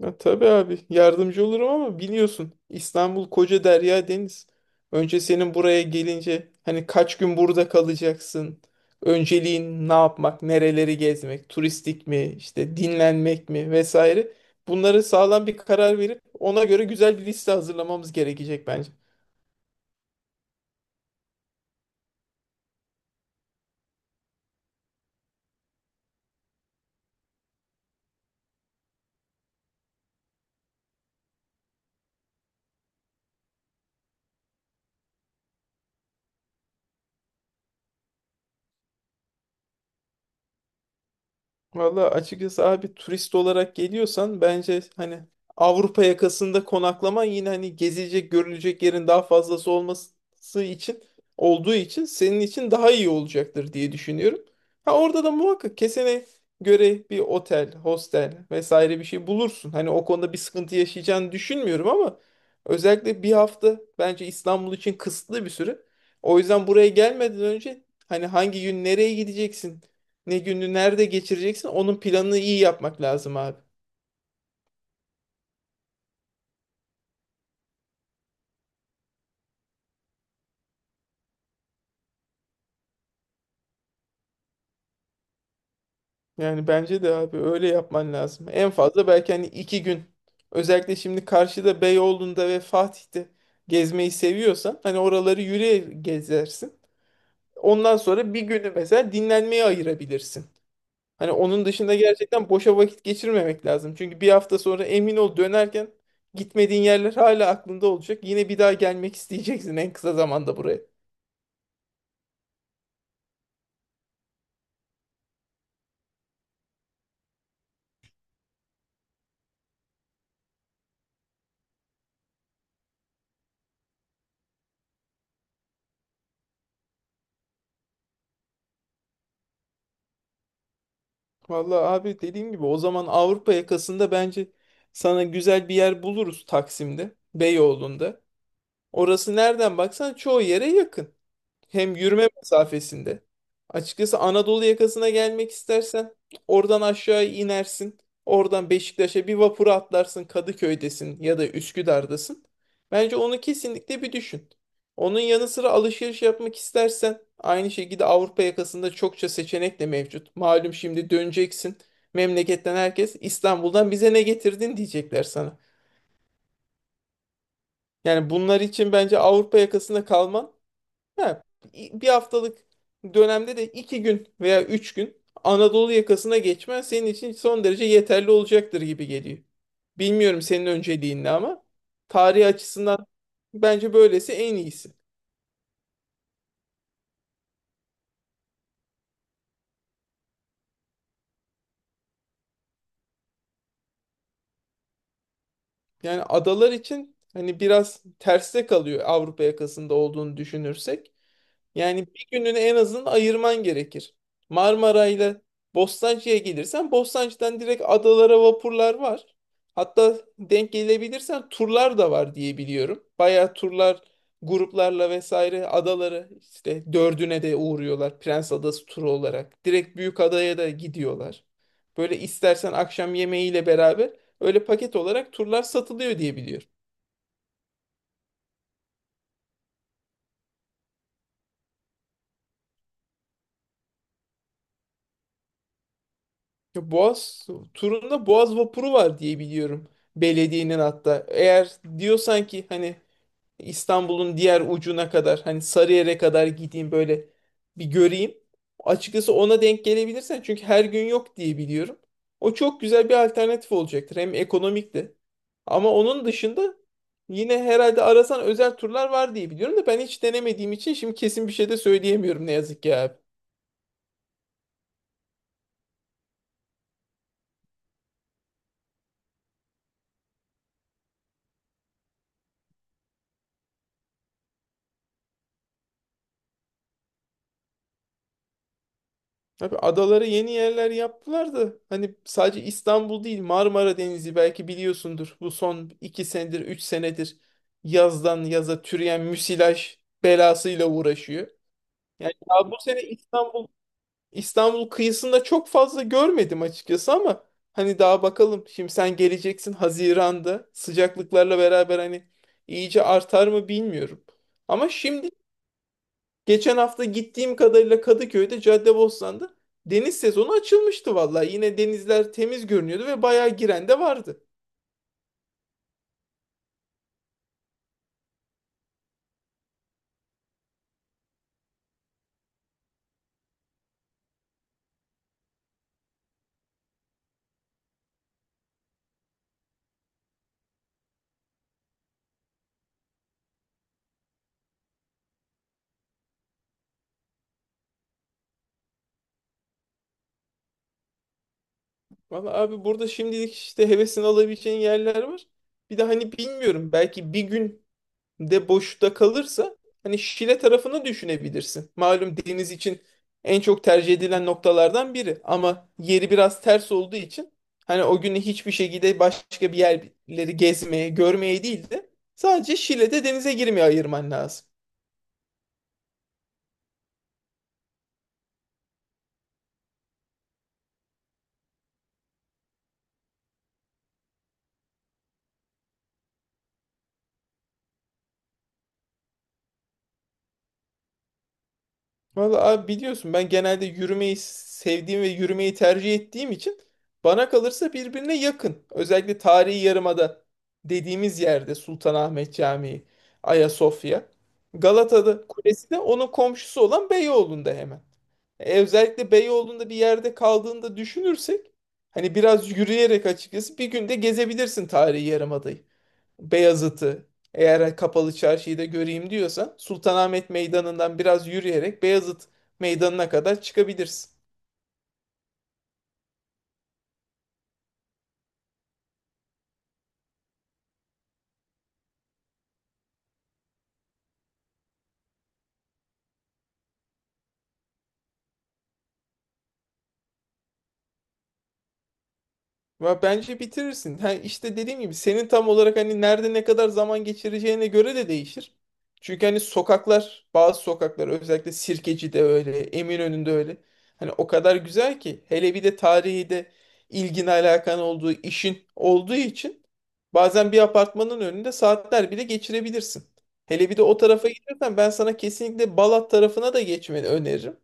Ya, tabii abi yardımcı olurum ama biliyorsun İstanbul koca derya deniz. Önce senin buraya gelince hani kaç gün burada kalacaksın? Önceliğin ne yapmak, nereleri gezmek, turistik mi, işte dinlenmek mi vesaire. Bunları sağlam bir karar verip ona göre güzel bir liste hazırlamamız gerekecek bence. Valla açıkçası abi turist olarak geliyorsan bence hani Avrupa yakasında konaklaman yine hani gezilecek görülecek yerin daha fazlası olması için olduğu için senin için daha iyi olacaktır diye düşünüyorum. Ha, orada da muhakkak kesene göre bir otel, hostel vesaire bir şey bulursun. Hani o konuda bir sıkıntı yaşayacağını düşünmüyorum ama özellikle bir hafta bence İstanbul için kısıtlı bir süre. O yüzden buraya gelmeden önce hani hangi gün nereye gideceksin, ne günü nerede geçireceksin onun planını iyi yapmak lazım abi. Yani bence de abi öyle yapman lazım. En fazla belki hani 2 gün. Özellikle şimdi karşıda Beyoğlu'nda ve Fatih'te gezmeyi seviyorsan hani oraları yürüye gezersin. Ondan sonra bir günü mesela dinlenmeye ayırabilirsin. Hani onun dışında gerçekten boşa vakit geçirmemek lazım. Çünkü bir hafta sonra emin ol dönerken gitmediğin yerler hala aklında olacak. Yine bir daha gelmek isteyeceksin en kısa zamanda buraya. Vallahi abi dediğim gibi o zaman Avrupa yakasında bence sana güzel bir yer buluruz Taksim'de, Beyoğlu'nda. Orası nereden baksan çoğu yere yakın. Hem yürüme mesafesinde. Açıkçası Anadolu yakasına gelmek istersen oradan aşağı inersin. Oradan Beşiktaş'a bir vapura atlarsın. Kadıköy'desin ya da Üsküdar'dasın. Bence onu kesinlikle bir düşün. Onun yanı sıra alışveriş yapmak istersen aynı şekilde Avrupa yakasında çokça seçenek de mevcut. Malum şimdi döneceksin. Memleketten herkes İstanbul'dan bize ne getirdin diyecekler sana. Yani bunlar için bence Avrupa yakasında kalman, ha, bir haftalık dönemde de 2 gün veya 3 gün Anadolu yakasına geçmen senin için son derece yeterli olacaktır gibi geliyor. Bilmiyorum senin önceliğin ne ama tarih açısından bence böylesi en iyisi. Yani adalar için hani biraz terste kalıyor Avrupa yakasında olduğunu düşünürsek. Yani bir gününü en azından ayırman gerekir. Marmara ile Bostancı'ya gelirsen Bostancı'dan direkt adalara vapurlar var. Hatta denk gelebilirsen turlar da var diye biliyorum. Bayağı turlar gruplarla vesaire adaları işte dördüne de uğruyorlar Prens Adası turu olarak. Direkt büyük adaya da gidiyorlar. Böyle istersen akşam yemeğiyle beraber öyle paket olarak turlar satılıyor diye biliyorum. Ya Boğaz turunda Boğaz vapuru var diye biliyorum. Belediyenin hatta. Eğer diyorsan ki hani İstanbul'un diğer ucuna kadar hani Sarıyer'e kadar gideyim böyle bir göreyim. Açıkçası ona denk gelebilirsen çünkü her gün yok diye biliyorum. O çok güzel bir alternatif olacaktır. Hem ekonomik de. Ama onun dışında yine herhalde arasan özel turlar var diye biliyorum da ben hiç denemediğim için şimdi kesin bir şey de söyleyemiyorum ne yazık ki abi. Abi adalara yeni yerler yaptılar da hani sadece İstanbul değil Marmara Denizi belki biliyorsundur. Bu son 2 senedir 3 senedir yazdan yaza türeyen müsilaj belasıyla uğraşıyor. Yani daha bu sene İstanbul kıyısında çok fazla görmedim açıkçası ama hani daha bakalım. Şimdi sen geleceksin Haziran'da sıcaklıklarla beraber hani iyice artar mı bilmiyorum. Ama şimdi geçen hafta gittiğim kadarıyla Kadıköy'de Caddebostan'da deniz sezonu açılmıştı vallahi. Yine denizler temiz görünüyordu ve bayağı giren de vardı. Vallahi abi burada şimdilik işte hevesini alabileceğin yerler var. Bir de hani bilmiyorum belki bir gün de boşta kalırsa hani Şile tarafını düşünebilirsin. Malum deniz için en çok tercih edilen noktalardan biri ama yeri biraz ters olduğu için hani o günü hiçbir şekilde başka bir yerleri gezmeye, görmeye değil de sadece Şile'de denize girmeye ayırman lazım. Vallahi abi biliyorsun ben genelde yürümeyi sevdiğim ve yürümeyi tercih ettiğim için bana kalırsa birbirine yakın. Özellikle tarihi yarımada dediğimiz yerde Sultanahmet Camii, Ayasofya, Galata'da Kulesi de onun komşusu olan Beyoğlu'nda hemen. Özellikle Beyoğlu'nda bir yerde kaldığında düşünürsek hani biraz yürüyerek açıkçası bir günde gezebilirsin tarihi yarımadayı. Beyazıt'ı eğer kapalı çarşıyı da göreyim diyorsan Sultanahmet Meydanı'ndan biraz yürüyerek Beyazıt Meydanı'na kadar çıkabilirsin. Ve bence bitirirsin. Ha, işte dediğim gibi senin tam olarak hani nerede ne kadar zaman geçireceğine göre de değişir. Çünkü hani sokaklar, bazı sokaklar özellikle Sirkeci'de öyle, Eminönü'nde öyle. Hani o kadar güzel ki hele bir de tarihi de ilgin alakan olduğu işin olduğu için bazen bir apartmanın önünde saatler bile geçirebilirsin. Hele bir de o tarafa gidiyorsan ben sana kesinlikle Balat tarafına da geçmeni öneririm.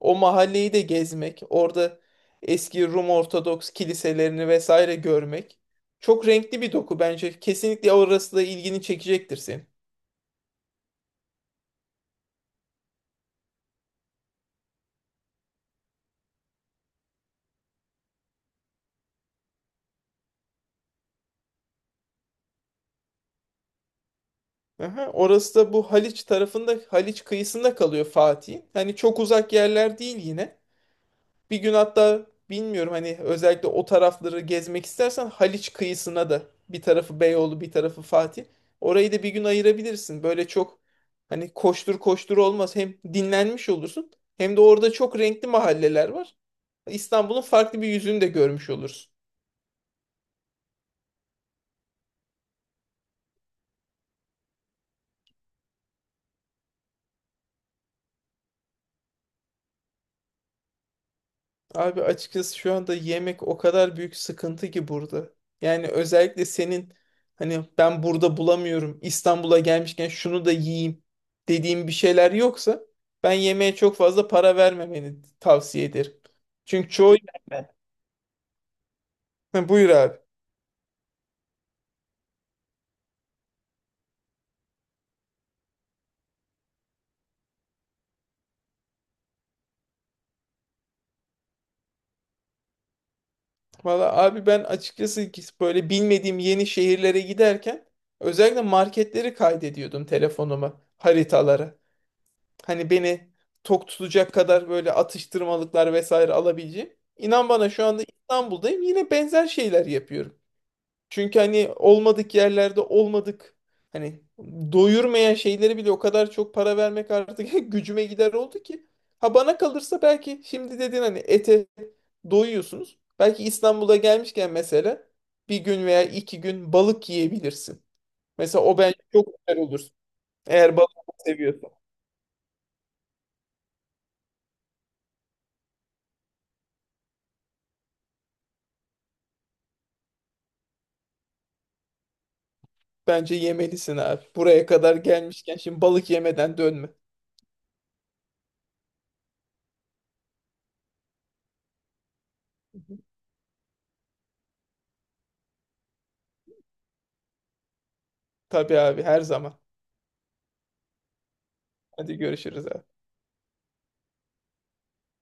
O mahalleyi de gezmek, orada eski Rum Ortodoks kiliselerini vesaire görmek. Çok renkli bir doku bence. Kesinlikle orası da ilgini çekecektir senin. Aha, orası da bu Haliç tarafında, Haliç kıyısında kalıyor Fatih'in. Hani çok uzak yerler değil yine. Bir gün hatta bilmiyorum hani özellikle o tarafları gezmek istersen Haliç kıyısına da bir tarafı Beyoğlu bir tarafı Fatih. Orayı da bir gün ayırabilirsin. Böyle çok hani koştur koştur olmaz. Hem dinlenmiş olursun hem de orada çok renkli mahalleler var. İstanbul'un farklı bir yüzünü de görmüş olursun. Abi açıkçası şu anda yemek o kadar büyük sıkıntı ki burada. Yani özellikle senin hani ben burada bulamıyorum İstanbul'a gelmişken şunu da yiyeyim dediğim bir şeyler yoksa ben yemeğe çok fazla para vermemeni tavsiye ederim. Çünkü çoğu. Evet. Ha, buyur abi. Valla abi ben açıkçası ki böyle bilmediğim yeni şehirlere giderken özellikle marketleri kaydediyordum telefonuma haritalara. Hani beni tok tutacak kadar böyle atıştırmalıklar vesaire alabileceğim. İnan bana şu anda İstanbul'dayım yine benzer şeyler yapıyorum. Çünkü hani olmadık yerlerde olmadık hani doyurmayan şeyleri bile o kadar çok para vermek artık gücüme gider oldu ki. Ha, bana kalırsa belki şimdi dedin hani ete doyuyorsunuz. Belki İstanbul'a gelmişken mesela bir gün veya 2 gün balık yiyebilirsin. Mesela o bence çok güzel olur. Eğer balık seviyorsan. Bence yemelisin abi. Buraya kadar gelmişken şimdi balık yemeden dönme. Tabii abi her zaman. Hadi görüşürüz abi.